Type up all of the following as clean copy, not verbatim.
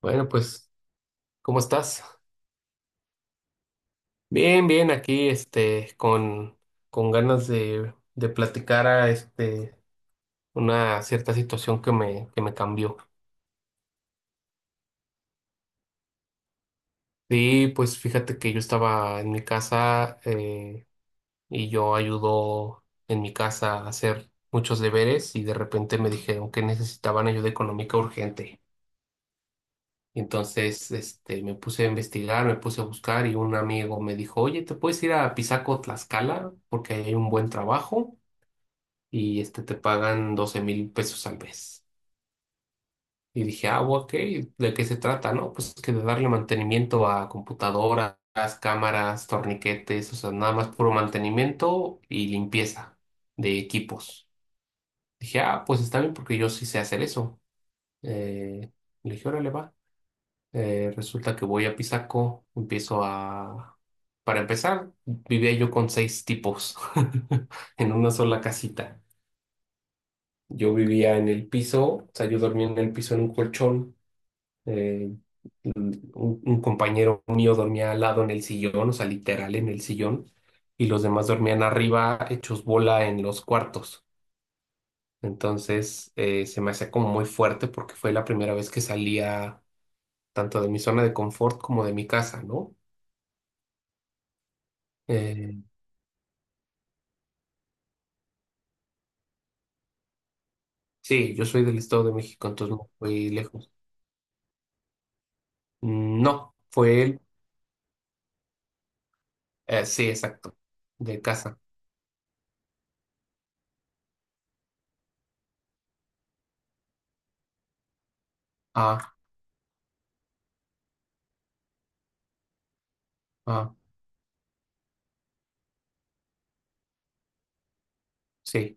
Bueno, pues, ¿cómo estás? Bien, bien, aquí, con ganas de platicar a, una cierta situación que me cambió. Sí, pues fíjate que yo estaba en mi casa y yo ayudo en mi casa a hacer muchos deberes y de repente me dijeron que necesitaban ayuda económica urgente. Y entonces, me puse a investigar, me puse a buscar y un amigo me dijo, oye, ¿te puedes ir a Pisaco, Tlaxcala? Porque ahí hay un buen trabajo y te pagan 12,000 pesos al mes. Y dije, ah, ok, ¿de qué se trata? No, pues que de darle mantenimiento a computadoras, cámaras, torniquetes, o sea, nada más puro mantenimiento y limpieza de equipos. Dije, ah, pues está bien porque yo sí sé hacer eso. Eh, Le dije, órale, va. Resulta que voy a Pisaco, Para empezar, vivía yo con seis tipos en una sola casita. Yo vivía en el piso, o sea, yo dormía en el piso en un colchón. eh, un, un compañero mío dormía al lado en el sillón, o sea, literal en el sillón, y los demás dormían arriba, hechos bola en los cuartos. Entonces, se me hacía como muy fuerte porque fue la primera vez que salía tanto de mi zona de confort como de mi casa, ¿no? Eh, sí, yo soy del Estado de México, entonces no fui lejos. No, fue él, sí, exacto, de casa. Ah, ah, sí.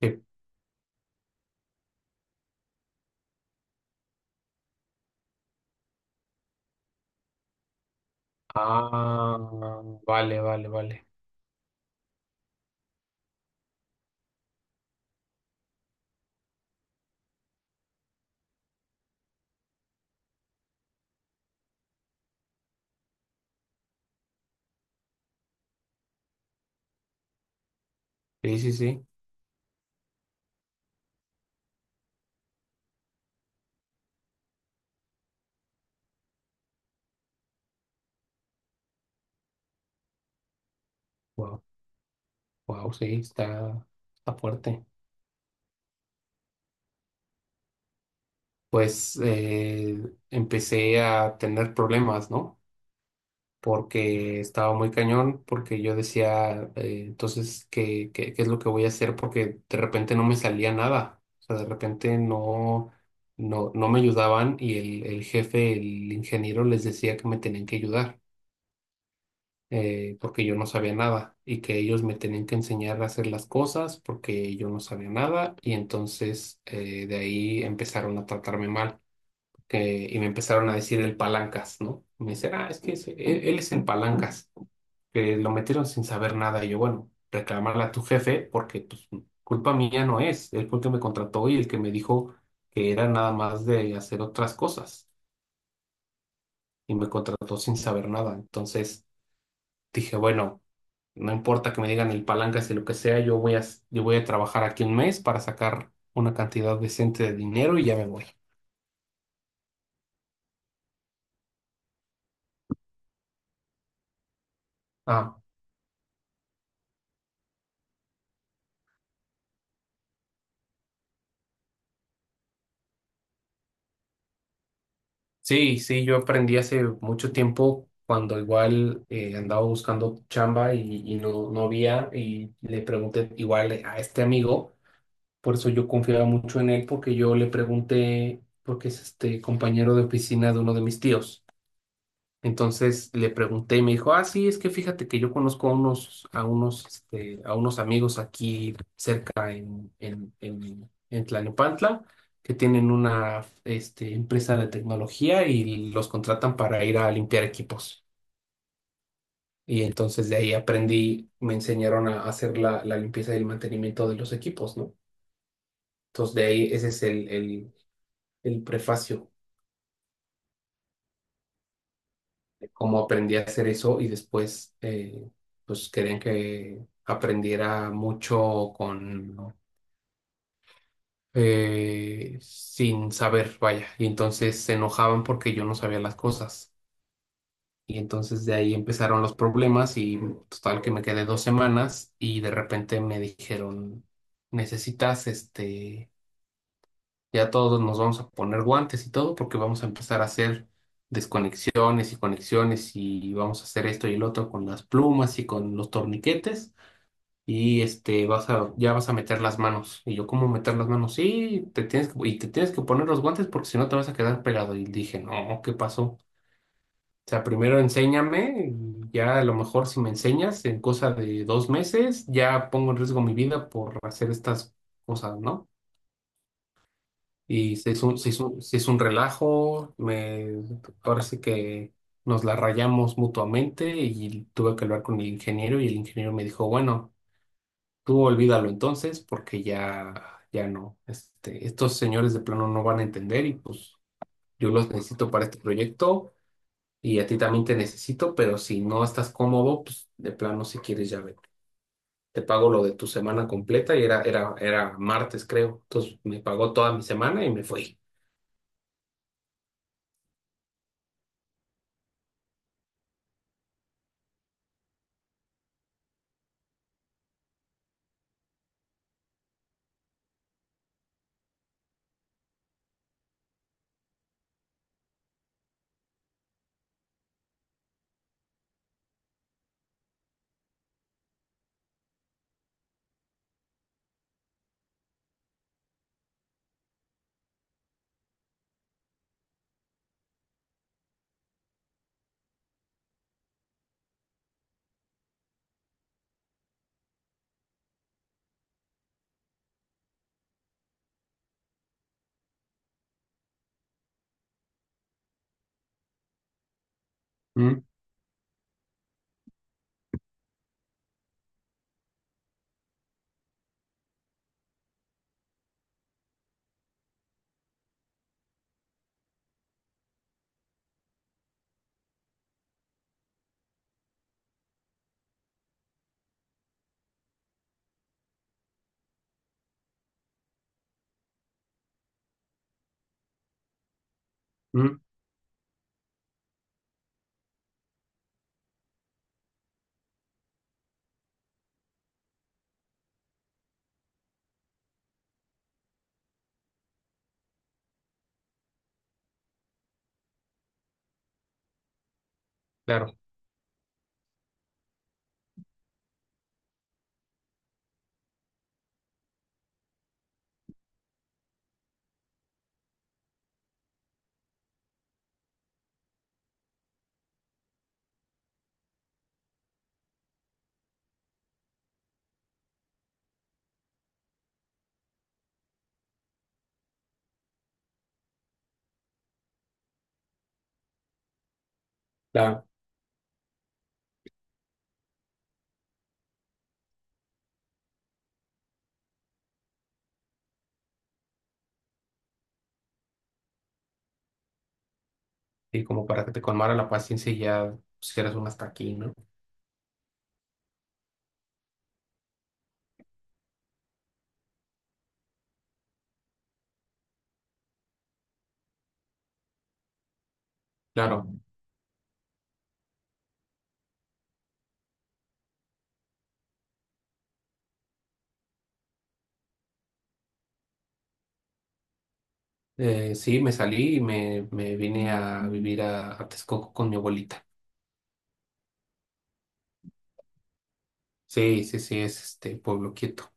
Sí. Ah, vale, vale, vale. Sí, sí, sí. Wow, wow, sí, está fuerte. Pues empecé a tener problemas, ¿no? Porque estaba muy cañón, porque yo decía, entonces, ¿qué es lo que voy a hacer? Porque de repente no me salía nada. O sea, de repente no me ayudaban y el jefe, el ingeniero, les decía que me tenían que ayudar. Porque yo no sabía nada y que ellos me tenían que enseñar a hacer las cosas porque yo no sabía nada y entonces de ahí empezaron a tratarme mal y me empezaron a decir el palancas, ¿no? Me dicen, ah, es que él es el palancas, que lo metieron sin saber nada y yo, bueno, reclamarle a tu jefe porque pues, culpa mía no es, él fue el que me contrató y el que me dijo que era nada más de hacer otras cosas y me contrató sin saber nada, entonces dije, bueno. No importa que me digan el palancas y lo que sea, yo voy a trabajar aquí un mes para sacar una cantidad decente de dinero y ya me voy. Ah, sí, sí, yo aprendí hace mucho tiempo cuando igual andaba buscando chamba y no había y le pregunté igual a este amigo, por eso yo confiaba mucho en él porque yo le pregunté, porque es este compañero de oficina de uno de mis tíos. Entonces le pregunté y me dijo, ah, sí, es que fíjate que yo conozco a unos, a unos amigos aquí cerca en Tlalnepantla que tienen una, empresa de tecnología y los contratan para ir a limpiar equipos. Y entonces de ahí aprendí, me enseñaron a hacer la limpieza y el mantenimiento de los equipos, ¿no? Entonces de ahí ese es el prefacio. Cómo aprendí a hacer eso y después pues querían que aprendiera mucho con sin saber, vaya, y entonces se enojaban porque yo no sabía las cosas. Y entonces de ahí empezaron los problemas y total que me quedé 2 semanas y de repente me dijeron, necesitas ya todos nos vamos a poner guantes y todo porque vamos a empezar a hacer desconexiones y conexiones y vamos a hacer esto y el otro con las plumas y con los torniquetes y vas a ya vas a meter las manos. Y yo, ¿cómo meter las manos? Sí, te tienes que, y te tienes que poner los guantes porque si no te vas a quedar pegado. Y dije, no, ¿qué pasó? O sea, primero enséñame, ya a lo mejor si me enseñas en cosa de 2 meses, ya pongo en riesgo mi vida por hacer estas cosas, ¿no? Y se hizo, se hizo un relajo, me parece que nos la rayamos mutuamente y tuve que hablar con el ingeniero y el ingeniero me dijo, bueno, tú olvídalo entonces porque ya, ya no, estos señores de plano no van a entender y pues yo los necesito para este proyecto y a ti también te necesito, pero si no estás cómodo, pues de plano si quieres ya vete. Te pago lo de tu semana completa y era martes creo, entonces me pagó toda mi semana y me fui. Mm, mm, claro. Claro, y como para que te colmara la paciencia y ya pusieras un hasta aquí, ¿no? Claro, sí, me salí y me vine a vivir a Texcoco con mi abuelita. Sí, sí, sí, es este pueblo quieto.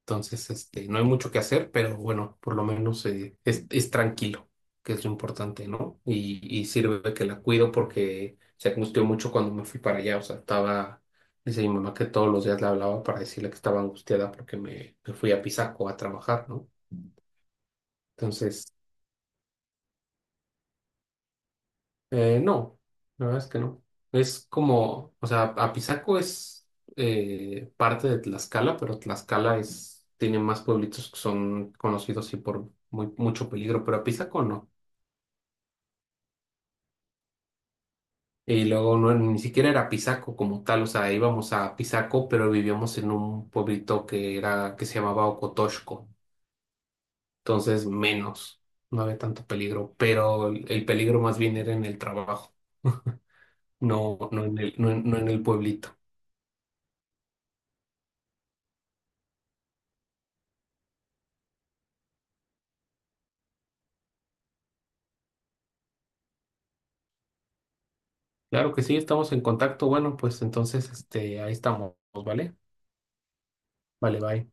Entonces, no hay mucho que hacer, pero bueno, por lo menos es tranquilo, que es lo importante, ¿no? Y sirve que la cuido porque se angustió mucho cuando me fui para allá. O sea, dice mi mamá que todos los días le hablaba para decirle que estaba angustiada porque me fui a Pisaco a trabajar, ¿no? Entonces, no, la verdad es que no. Es como, o sea, Apizaco es parte de Tlaxcala, pero Tlaxcala tiene más pueblitos que son conocidos sí por mucho peligro, pero Apizaco no. Y luego no, ni siquiera era Apizaco como tal, o sea, íbamos a Apizaco, pero vivíamos en un pueblito que era, que se llamaba Ocotoshco. Entonces menos, no había tanto peligro, pero el peligro más bien era en el trabajo, no, no en el, no en no en el pueblito. Claro que sí, estamos en contacto. Bueno, pues entonces, ahí estamos, ¿vale? Vale, bye.